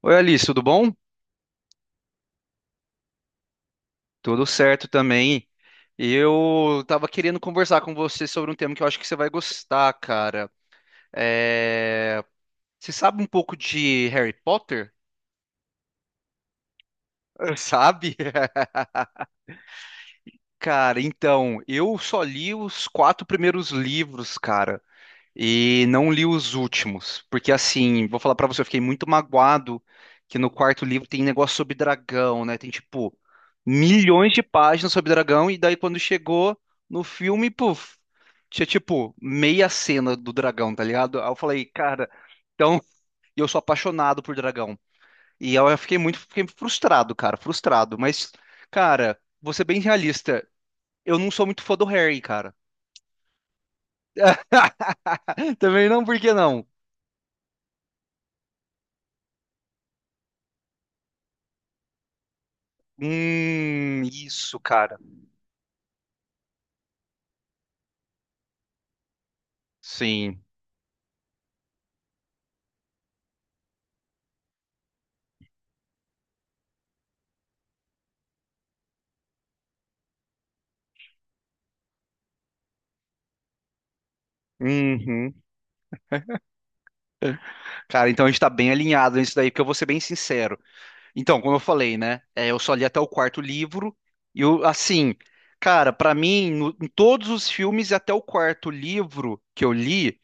Oi, Alice, tudo bom? Tudo certo também. Eu tava querendo conversar com você sobre um tema que eu acho que você vai gostar, cara. É... Você sabe um pouco de Harry Potter? Sabe? Cara, então, eu só li os quatro primeiros livros, cara. E não li os últimos, porque assim, vou falar pra você, eu fiquei muito magoado que no quarto livro tem negócio sobre dragão, né? Tem tipo milhões de páginas sobre dragão e daí quando chegou no filme, puf, tinha tipo meia cena do dragão, tá ligado? Aí eu falei, cara, então, e eu sou apaixonado por dragão. E eu fiquei fiquei frustrado, cara, frustrado, mas cara, vou ser bem realista, eu não sou muito fã do Harry, cara. Também não, por que não? Isso, cara. Sim. Uhum. Cara, então a gente tá bem alinhado nisso daí, porque eu vou ser bem sincero. Então, como eu falei, né? Eu só li até o quarto livro, e assim, cara, pra mim, em todos os filmes, e até o quarto livro que eu li.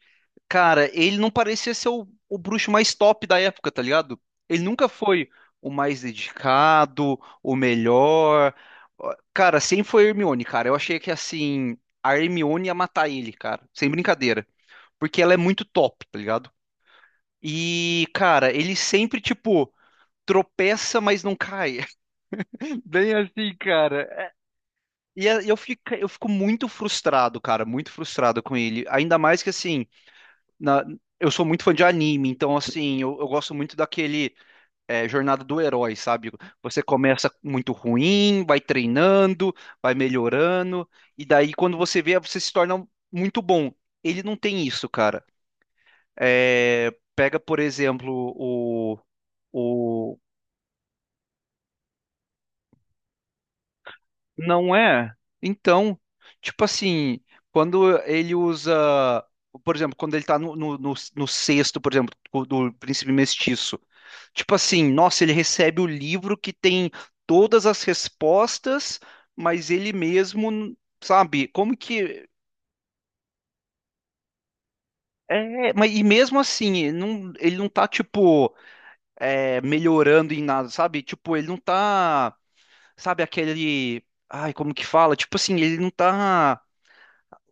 Cara, ele não parecia ser o bruxo mais top da época, tá ligado? Ele nunca foi o mais dedicado, o melhor. Ó, cara, sempre foi a Hermione, cara. Eu achei que assim, a Hermione ia matar ele, cara. Sem brincadeira. Porque ela é muito top, tá ligado? E, cara, ele sempre, tipo, tropeça, mas não cai. Bem assim, cara. E eu fico muito frustrado, cara, muito frustrado com ele. Ainda mais que assim. na- eu sou muito fã de anime, então assim, eu gosto muito daquele é, jornada do herói, sabe? Você começa muito ruim, vai treinando, vai melhorando, e daí quando você vê, você se torna muito bom. Ele não tem isso, cara. É, pega, por exemplo, o. Não é? Então, tipo assim, quando ele usa. Por exemplo, quando ele tá no sexto, por exemplo, do Príncipe Mestiço. Tipo assim, nossa, ele recebe o livro que tem todas as respostas, mas ele mesmo, sabe, como que. É, mas e mesmo assim, ele não tá, tipo, melhorando em nada, sabe? Tipo, ele não tá, sabe, aquele. Ai, como que fala? Tipo assim, ele não tá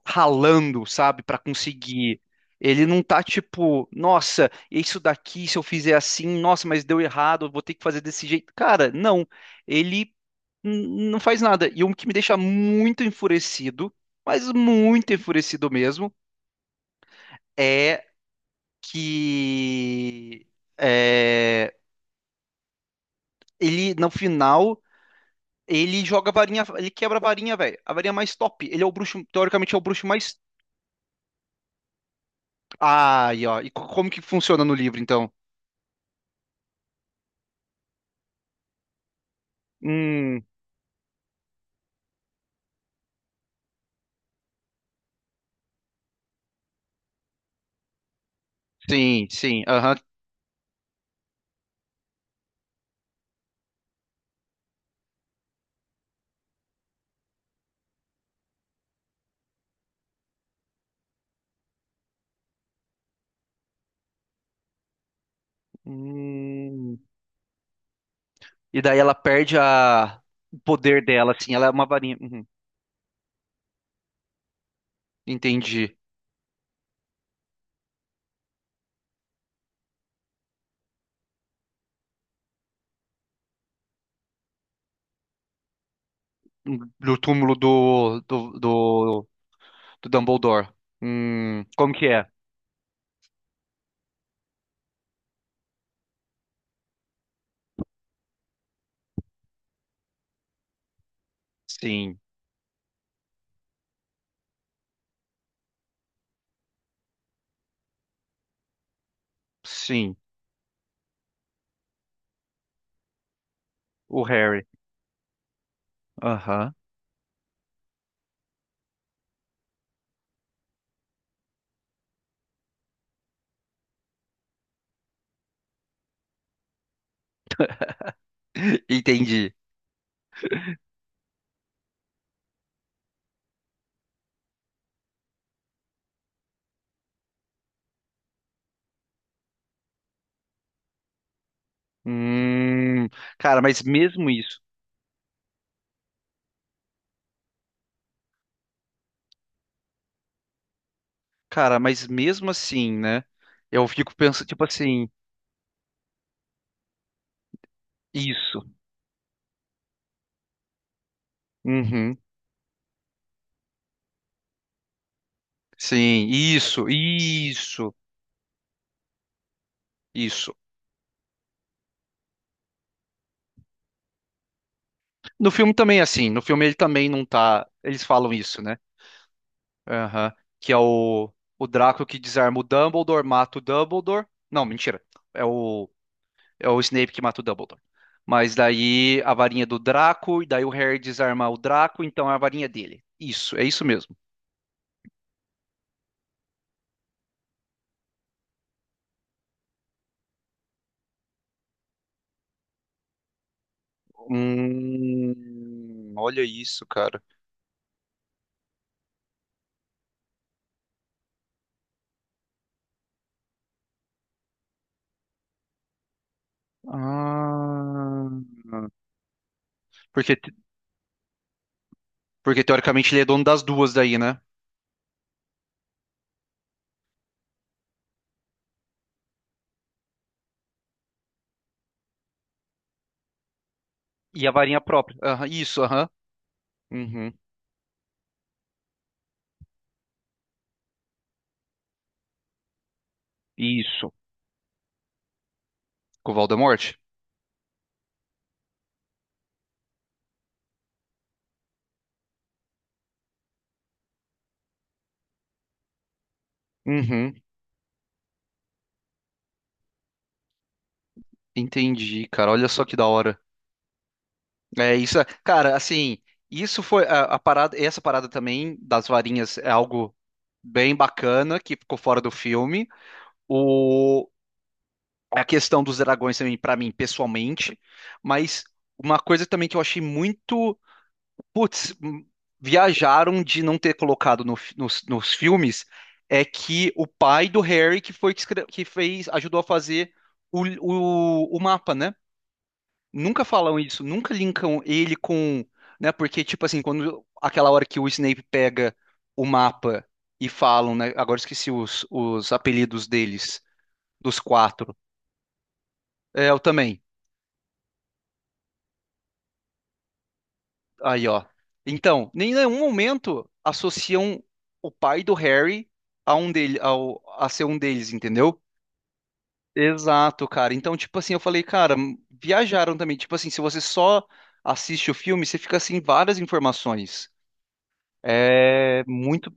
ralando, sabe, para conseguir. Ele não tá tipo, nossa, isso daqui, se eu fizer assim, nossa, mas deu errado, eu vou ter que fazer desse jeito. Cara, não. Ele não faz nada. E o que me deixa muito enfurecido, mas muito enfurecido mesmo, é que é, ele, no final, ele joga a varinha, ele quebra a varinha, velho. A varinha mais top. Ele é o bruxo, teoricamente é o bruxo mais. Ai, ó. E como que funciona no livro, então? Hum. Sim, sim, aham. Hum. E daí ela perde a... o poder dela, assim, ela é uma varinha. Uhum, entendi. Do túmulo do, do Dumbledore. Como que é? Sim, sim, o Harry. Aham. Entendi. Hum, cara, mas mesmo isso, cara, mas mesmo assim, né? Eu fico pensando, tipo assim, isso. Uhum, sim, isso. No filme também, é assim, no filme ele também não tá. Eles falam isso, né? Aham. Que é o Draco que desarma o Dumbledore, mata o Dumbledore. Não, mentira. É é o Snape que mata o Dumbledore. Mas daí a varinha do Draco, e daí o Harry desarma o Draco, então é a varinha dele. Isso, é isso mesmo. Olha isso, cara. Ah, porque, porque teoricamente ele é dono das duas daí, né? E a varinha própria. Aham, isso, aham. Uhum, isso. Com o Voldemort? Uhum, entendi, cara. Olha só que da hora. Cara, assim, isso foi a parada, essa parada também das varinhas é algo bem bacana que ficou fora do filme. O A questão dos dragões também pra mim pessoalmente, mas uma coisa também que eu achei muito, putz, viajaram de não ter colocado no fi- nos, nos filmes é que o pai do Harry que foi que, que fez, ajudou a fazer o mapa, né? Nunca falam isso, nunca linkam ele com, né? Porque, tipo assim, quando aquela hora que o Snape pega o mapa e falam, né? Agora esqueci os apelidos deles, dos quatro. É, eu também. Aí, ó. Então, nem em nenhum momento associam o pai do Harry a um dele, a ser um deles, entendeu? Exato, cara. Então, tipo assim, eu falei, cara, viajaram também. Tipo assim, se você só assiste o filme, você fica assim várias informações. É muito.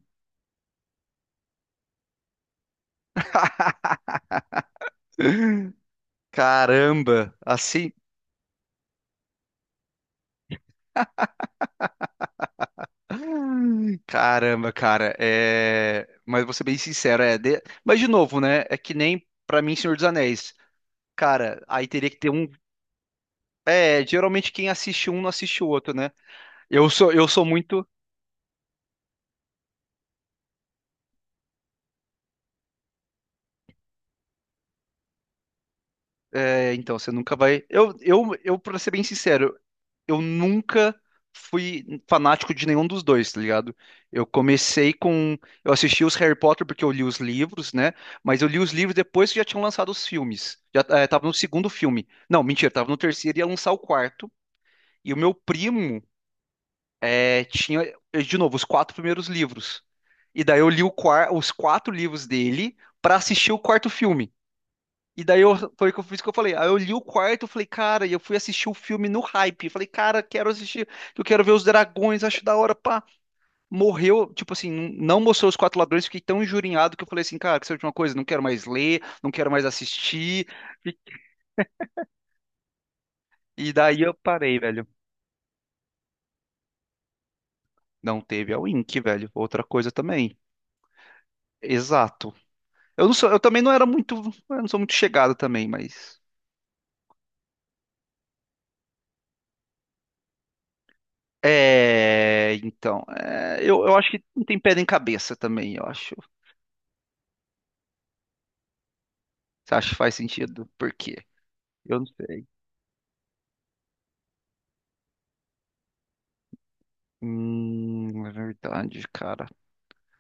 Caramba, assim. Ai, caramba, cara. Mas vou ser bem sincero, mas de novo, né? É que nem pra mim, Senhor dos Anéis. Cara, aí teria que ter um. É, geralmente quem assiste um não assiste o outro, né? Eu sou muito. É, então, você nunca vai. Eu, pra ser bem sincero, eu nunca fui fanático de nenhum dos dois, tá ligado? Eu comecei com. Eu assisti os Harry Potter porque eu li os livros, né? Mas eu li os livros depois que já tinham lançado os filmes. Já tava no segundo filme. Não, mentira, tava no terceiro e ia lançar o quarto. E o meu primo tinha, de novo, os quatro primeiros livros. E daí eu li os quatro livros dele pra assistir o quarto filme. E daí eu, foi o que eu fiz que eu falei. Aí eu li o quarto, eu falei, cara, e eu fui assistir o filme no hype. Falei, cara, quero assistir, eu quero ver os dragões, acho da hora, pá. Morreu, tipo assim, não mostrou os quatro ladrões, fiquei tão injurinhado que eu falei assim, cara, que seja uma coisa, não quero mais ler, não quero mais assistir. E, e daí eu parei, velho. Não teve a Wink, velho. Outra coisa também. Exato. Eu também não era muito, eu não sou muito chegado também, mas. É, então, eu acho que não tem pé nem cabeça também, eu acho. Você acha que faz sentido? Por quê? Eu não sei. É verdade, cara.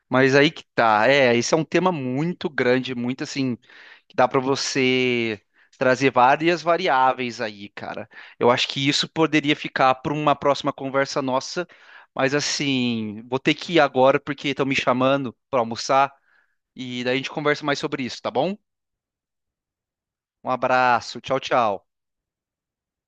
Mas aí que tá. É, esse é um tema muito grande, muito assim, que dá pra você trazer várias variáveis aí, cara. Eu acho que isso poderia ficar para uma próxima conversa nossa, mas assim, vou ter que ir agora porque estão me chamando pra almoçar e daí a gente conversa mais sobre isso, tá bom? Um abraço, tchau, tchau.